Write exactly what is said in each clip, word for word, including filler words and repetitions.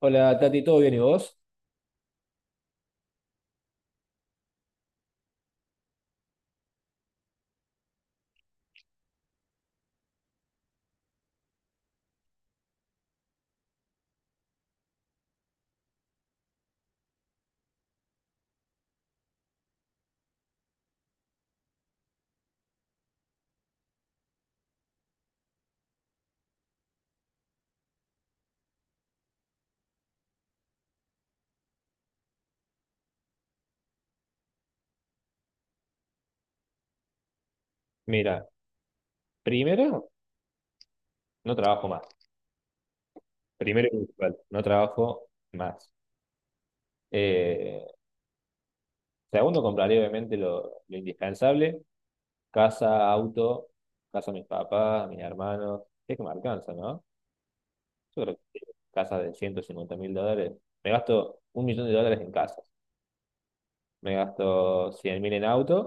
Hola, Tati, ¿todo bien y vos? Mira, primero, no trabajo más. Primero y principal, no trabajo más. Eh, segundo, compraré obviamente lo, lo indispensable. Casa, auto, casa a mis papás, a mis hermanos. Es que me alcanza, ¿no? Yo creo que casa de ciento cincuenta mil dólares. Me gasto un millón de dólares en casas. Me gasto cien mil en auto.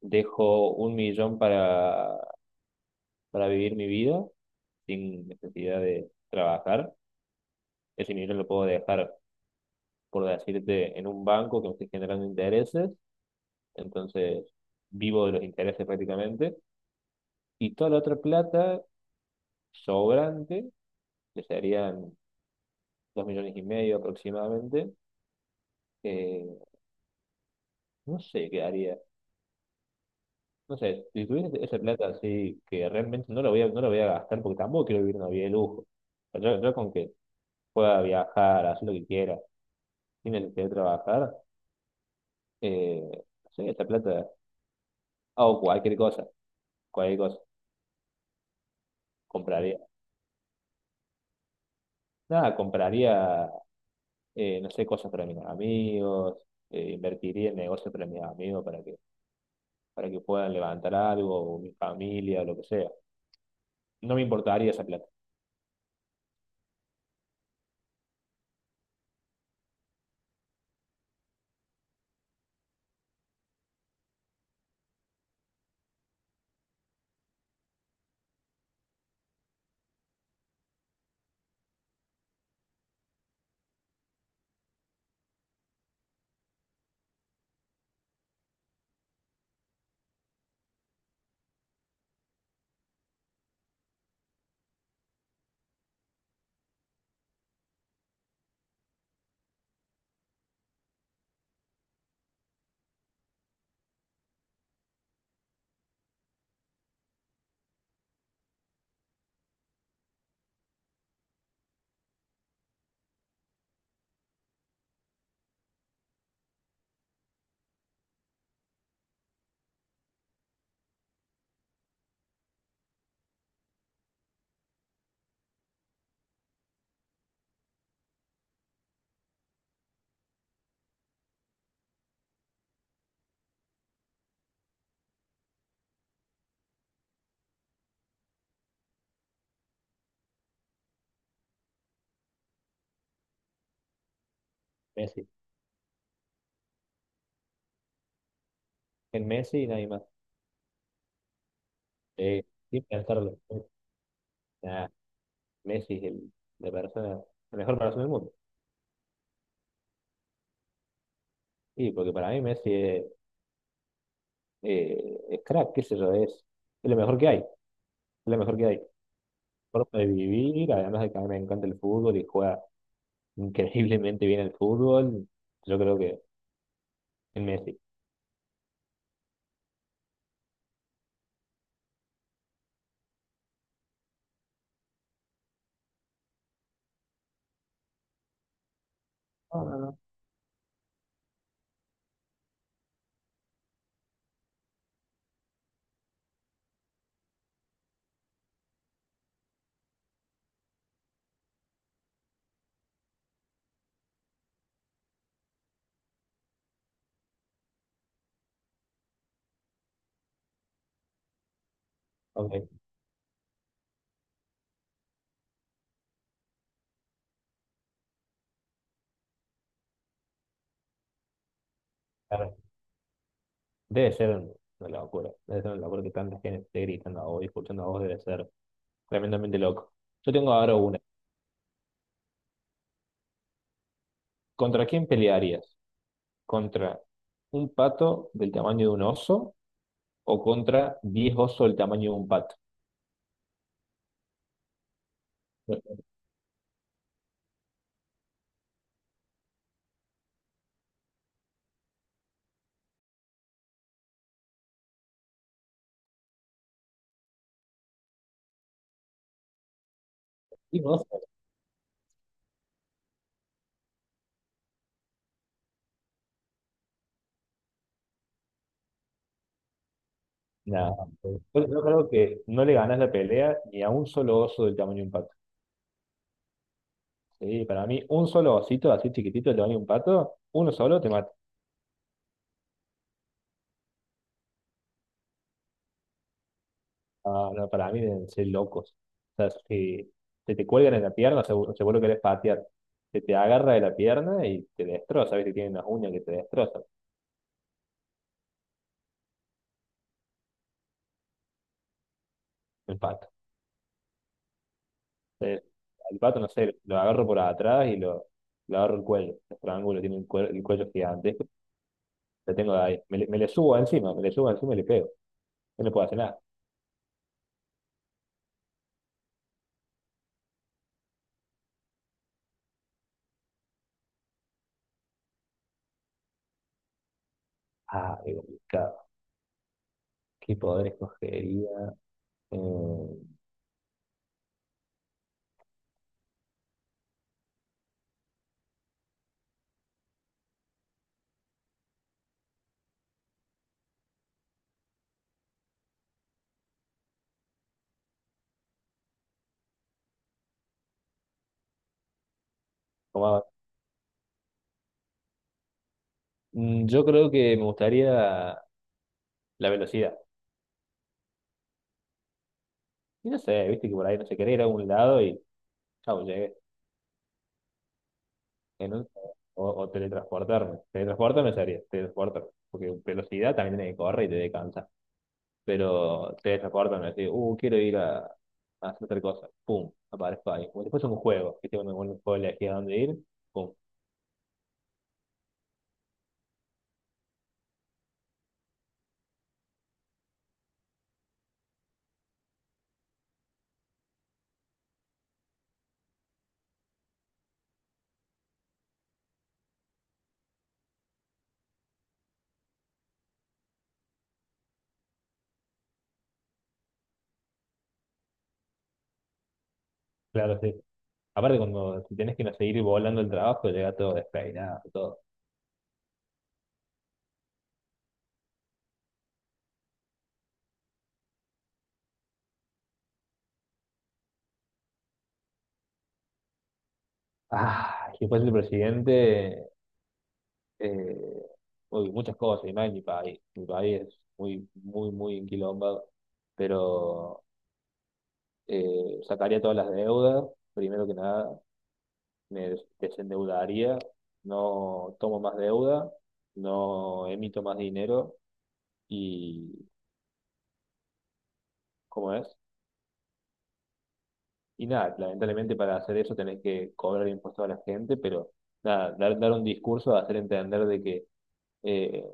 Dejo un millón para, para vivir mi vida sin necesidad de trabajar. Ese millón lo puedo dejar, por decirte, en un banco que me estoy generando intereses, entonces vivo de los intereses prácticamente, y toda la otra plata sobrante, que serían dos millones y medio aproximadamente, eh, no sé qué haría. No sé, si tuviese esa plata así, que realmente no la voy a, no la voy a gastar porque tampoco quiero vivir una vida de lujo. O sea, Yo, yo con que pueda viajar, hacer lo que quiera, sin necesidad de trabajar, eh, no sé, esa plata hago cualquier cosa, cualquier cosa, compraría. Nada, compraría, eh, no sé, cosas para mis amigos, eh, invertiría en negocios para mis amigos para que, para que puedan levantar algo, o mi familia, o lo que sea. No me importaría esa plata. Messi. En Messi y nadie más. Eh, sin pensarlo. Nah, Messi es el, la persona, la mejor persona del mundo. Sí, porque para mí Messi es, eh, es crack, qué sé yo, es, es lo mejor que hay, es lo mejor que hay. Forma de vivir, además de que a mí me encanta el fútbol y juega increíblemente bien el fútbol, yo creo que es Messi. No, no, no. Ok, claro. Debe ser una locura. Debe ser una locura que tanta gente esté gritando a vos y escuchando a vos, debe ser tremendamente loco. Yo tengo ahora una. ¿Contra quién pelearías? ¿Contra un pato del tamaño de un oso o contra diez osos del tamaño de un pato? ¿diez osos? Nada. Yo yo creo que no le ganas la pelea ni a un solo oso del tamaño de un pato. Sí, para mí, un solo osito así chiquitito del tamaño de un pato, uno solo te mata. No, no, para mí deben ser locos. O sea, si se te cuelgan en la pierna, seguro, seguro que eres patear. Se te agarra de la pierna y te destroza, ¿viste? Tienen unas uñas que te destrozan. El pato. Entonces, al pato, no sé, lo agarro por atrás y lo, lo agarro el cuello. El triángulo tiene el cuello, el cuello gigantesco. Lo tengo ahí. Me, le- me le subo encima, me le subo encima y le pego. No le puedo hacer nada. Ah, qué complicado. ¿Qué poder escogería? Eh, ¿cómo hago? Mm, yo creo que me gustaría la velocidad. Y no sé, viste que por ahí no se quería ir a algún lado y chau, llegué. En un- o, o teletransportarme. Teletransportarme sería, teletransportarme. Porque velocidad también tiene que correr y te descansa. Pero teletransportarme, así, uh, quiero ir a, a hacer tal cosa. Pum, aparezco ahí. Como si fuese un juego, viste, cuando uno puede elegir a dónde ir, pum, claro, sí. Aparte, cuando si tenés que no seguir volando el trabajo, llega todo despeinado, todo. Ah, y después el presidente. eh, Uy, muchas cosas, y más en mi país. Mi país es muy, muy, muy enquilombado, pero eh, sacaría todas las deudas, primero que nada, me des- desendeudaría, no tomo más deuda, no emito más dinero y, ¿cómo es? Y nada, lamentablemente para hacer eso tenés que cobrar impuestos a la gente, pero nada, dar, dar un discurso, hacer entender de que eh,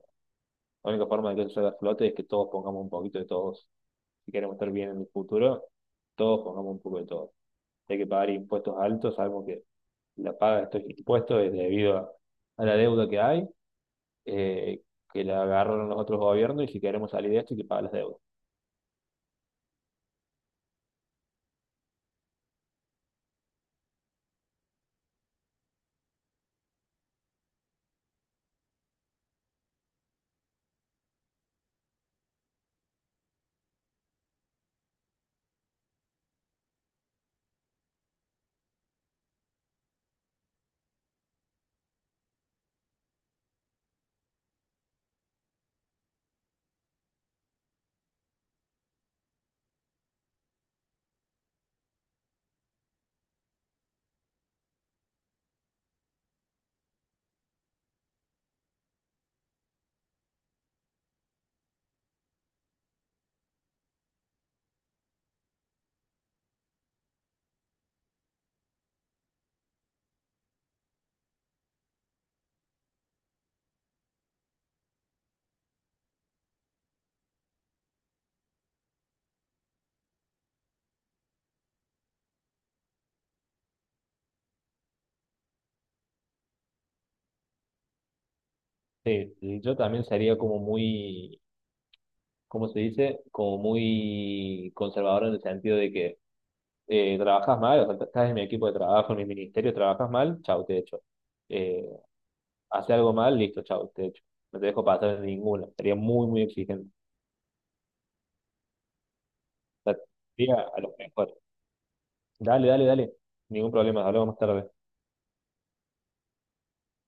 la única forma de que eso salga a flote es que todos pongamos un poquito de todos si queremos estar bien en el futuro, todos pongamos un poco de todo. Si hay que pagar impuestos altos, sabemos que la paga de estos impuestos es debido a, a la deuda que hay, eh, que la agarraron los otros gobiernos, y si queremos salir de esto, hay que pagar las deudas. Sí, y yo también sería como muy, ¿cómo se dice? Como muy conservador en el sentido de que eh, trabajas mal, o sea, estás en mi equipo de trabajo, en mi ministerio, trabajas mal, chau, te echo. Eh, hace algo mal, listo, chau, te echo. No te dejo pasar en ninguna. Sería muy, muy exigente. La tía a los mejores. Dale, dale, dale. Ningún problema, hablamos más tarde.